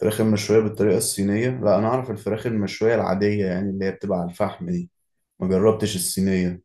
فراخ المشوية بالطريقة الصينية؟ لا، أنا أعرف الفراخ المشوية العادية، يعني اللي هي بتبقى على الفحم دي. ما جربتش الصينية.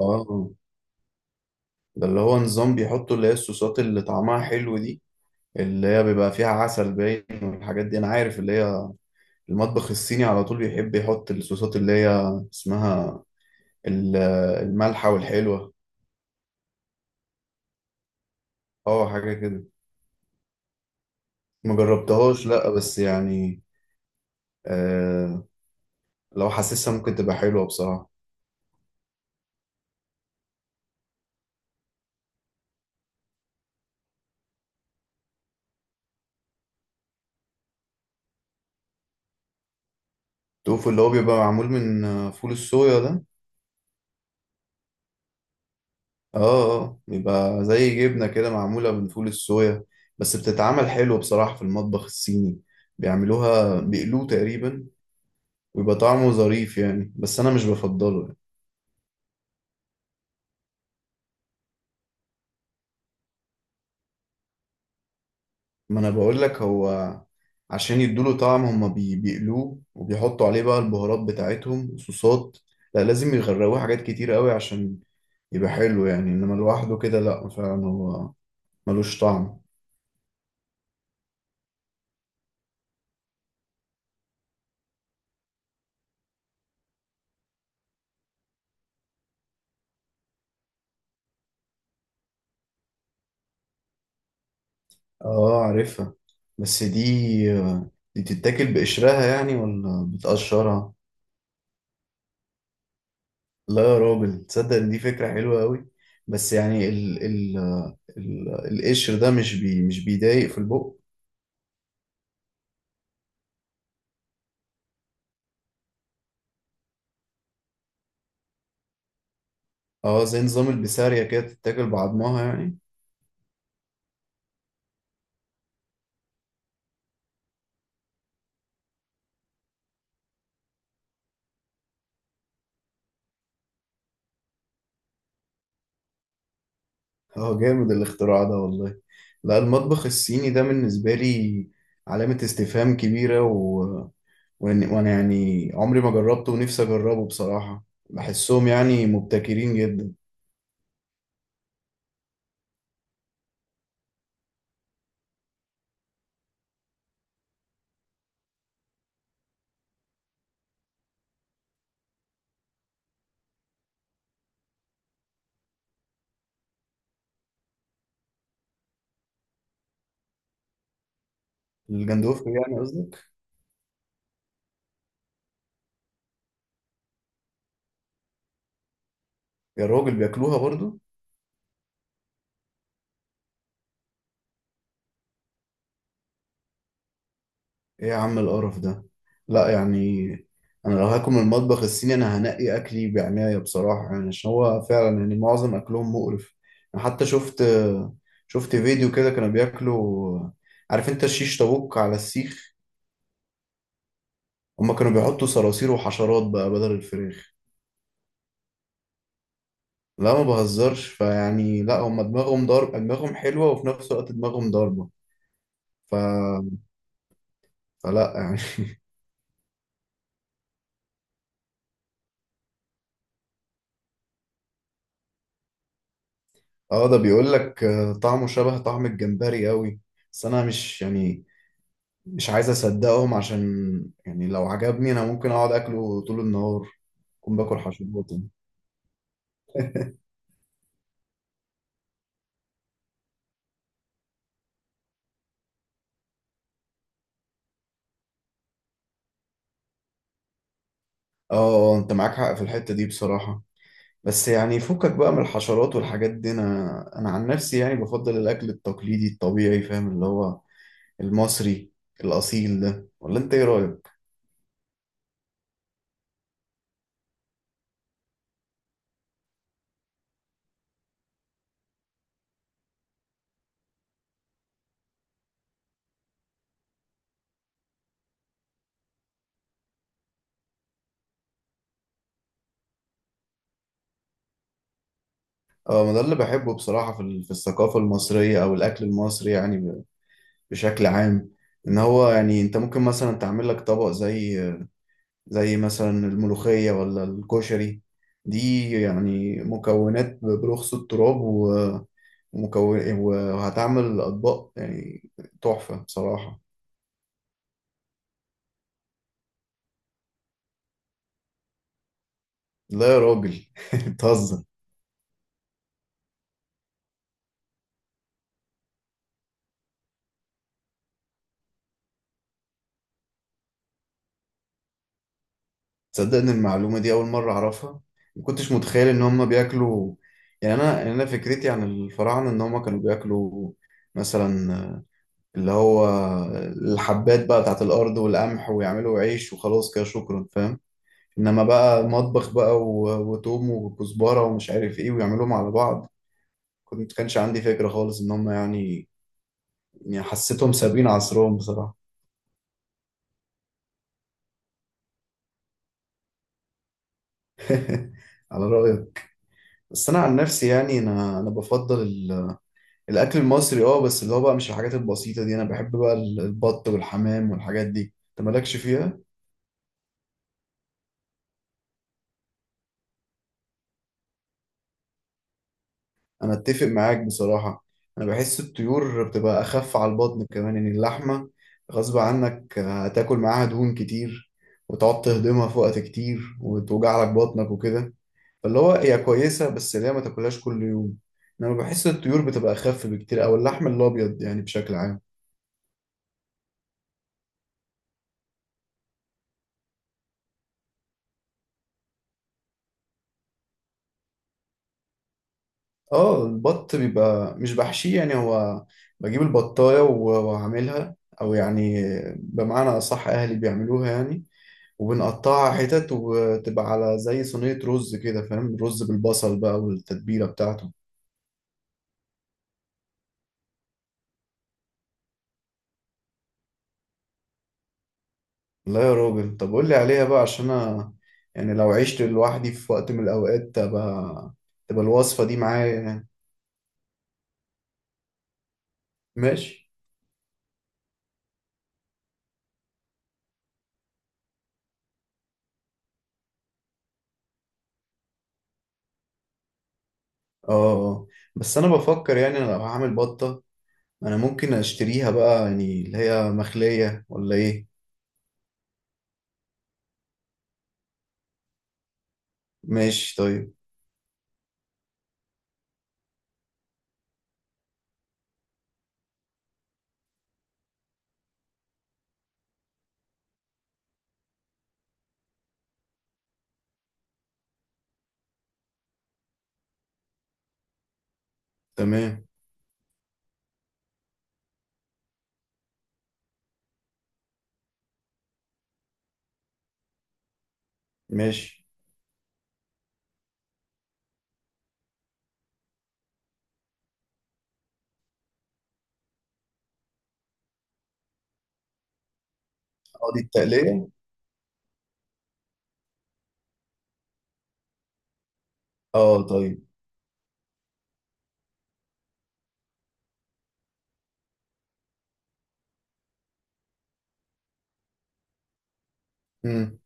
آه. ده اللي هو نظام بيحطوا اللي هي الصوصات اللي طعمها حلو دي، اللي هي بيبقى فيها عسل باين والحاجات دي، أنا عارف اللي هي. المطبخ الصيني على طول بيحب يحط الصوصات اللي هي اسمها ال- المالحة والحلوة. آه، حاجة كده. ما جربتهاش، لا بس يعني. آه. لو حاسسها ممكن تبقى حلوة بصراحة. التوفو اللي هو بيبقى معمول من فول الصويا ده. اه. اه، بيبقى زي جبنة كده معمولة من فول الصويا، بس بتتعمل حلو بصراحة في المطبخ الصيني. بيعملوها بيقلوه تقريبا، ويبقى طعمه ظريف يعني، بس أنا مش بفضله يعني. ما أنا بقول لك، هو عشان يدوله طعم هما بيقلوه وبيحطوا عليه بقى البهارات بتاعتهم وصوصات. لا، لازم يغرقوه حاجات كتير قوي عشان يبقى حلو يعني، إنما لوحده كده لا، فعلا هو ملوش طعم. اه، عارفها. بس دي دي بتتاكل بقشرها يعني ولا بتقشرها؟ لا يا راجل، تصدق إن دي فكرة حلوة قوي. بس يعني ال ال ال القشر ده مش بيضايق في البق؟ اه، زي نظام البسارية كده، تتاكل بعضمها يعني. اه، جامد الاختراع ده والله. لا، المطبخ الصيني ده بالنسبة لي علامة استفهام كبيرة، وانا يعني عمري ما جربته ونفسي اجربه بصراحة. بحسهم يعني مبتكرين جدا. الجندوفلي يعني قصدك؟ يا راجل بياكلوها برضو؟ ايه يا عم القرف ده؟ لا يعني، انا لو هاكل من المطبخ الصيني انا هنقي اكلي بعناية بصراحة، يعني عشان هو فعلا يعني معظم اكلهم مقرف. انا حتى شفت فيديو كده كانوا بياكلوا، عارف انت الشيش طاووق على السيخ؟ هما كانوا بيحطوا صراصير وحشرات بقى بدل الفراخ. لا، ما بهزرش، فيعني لا هما دماغهم ضرب، دماغهم حلوة وفي نفس الوقت دماغهم ضاربة. ف... فلا يعني. اه، ده بيقول لك طعمه شبه طعم الجمبري قوي. بس انا مش يعني، مش عايز اصدقهم، عشان يعني لو عجبني انا ممكن اقعد اكله طول النهار، اكون باكل حشرات يعني. اه آه، انت معاك حق في الحتة دي بصراحة. بس يعني فكك بقى من الحشرات والحاجات دي. انا انا عن نفسي يعني بفضل الاكل التقليدي الطبيعي، فاهم، اللي هو المصري الاصيل ده. ولا انت ايه رايك؟ اه، ما ده اللي بحبه بصراحة في في الثقافة المصرية او الاكل المصري يعني، بشكل عام، ان هو يعني انت ممكن مثلا تعمل لك طبق زي مثلا الملوخية ولا الكشري، دي يعني مكونات برخص التراب، ومكون وهتعمل اطباق يعني تحفة بصراحة. لا يا راجل بتهزر. تصدق ان المعلومة دي اول مرة اعرفها؟ ما كنتش متخيل ان هم بياكلوا، يعني انا، يعني انا فكرتي عن الفراعنة ان هم كانوا بياكلوا مثلا اللي هو الحبات بقى بتاعت الأرض والقمح ويعملوا عيش وخلاص كده، شكرا، فاهم. إنما بقى مطبخ بقى وتوم وكزبرة ومش عارف إيه ويعملوهم على بعض، كنت كانش عندي فكرة خالص إن هم يعني، يعني حسيتهم سابقين عصرهم بصراحة. على رأيك. بس أنا عن نفسي يعني، أنا أنا بفضل الأكل المصري، أه، بس اللي هو بقى مش الحاجات البسيطة دي، أنا بحب بقى البط والحمام والحاجات دي. أنت مالكش فيها؟ انا اتفق معاك بصراحة. انا بحس الطيور بتبقى اخف على البطن، كمان ان اللحمة غصب عنك هتاكل معاها دهون كتير، وتقعد تهضمها في وقت كتير وتوجع لك بطنك وكده. فاللي هو هي كويسة بس اللي هي ما تاكلهاش كل يوم. انما بحس الطيور بتبقى اخف بكتير، او اللحم الابيض يعني بشكل عام. اه، البط بيبقى مش بحشيه يعني. هو بجيب البطاية واعملها او يعني، بمعنى اصح اهلي بيعملوها يعني، وبنقطعها حتت وتبقى على زي صينية رز كده، فاهم، رز بالبصل بقى والتتبيلة بتاعته. لا يا راجل، طب قول لي عليها بقى، عشان انا يعني لو عشت لوحدي في وقت من الاوقات، تبقى الوصفة دي معايا يعني. ماشي. اه آه. بس انا بفكر يعني، أنا لو هعمل بطة، انا ممكن اشتريها بقى يعني اللي هي مخلية، ولا ايه؟ ماشي طيب. تمام. ماشي. اه، دي التقلية؟ اه طيب. امم.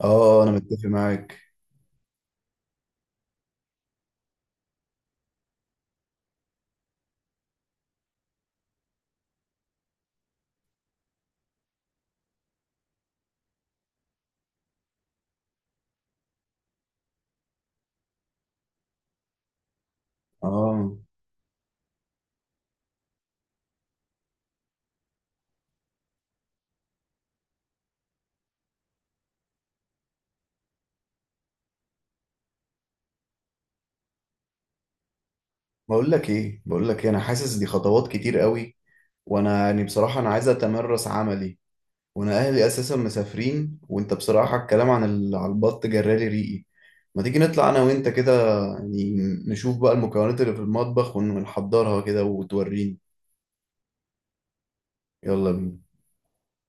اه، انا متفق معاك. اه، بقول لك ايه، بقول لك إيه؟ انا حاسس دي خطوات كتير قوي، وانا يعني بصراحه انا عايز اتمرس عملي، وانا اهلي اساسا مسافرين، وانت بصراحه الكلام عن على البط جرالي ريقي. ما تيجي نطلع انا وانت كده يعني، نشوف بقى المكونات اللي في المطبخ ونحضرها كده وتوريني. يلا بينا.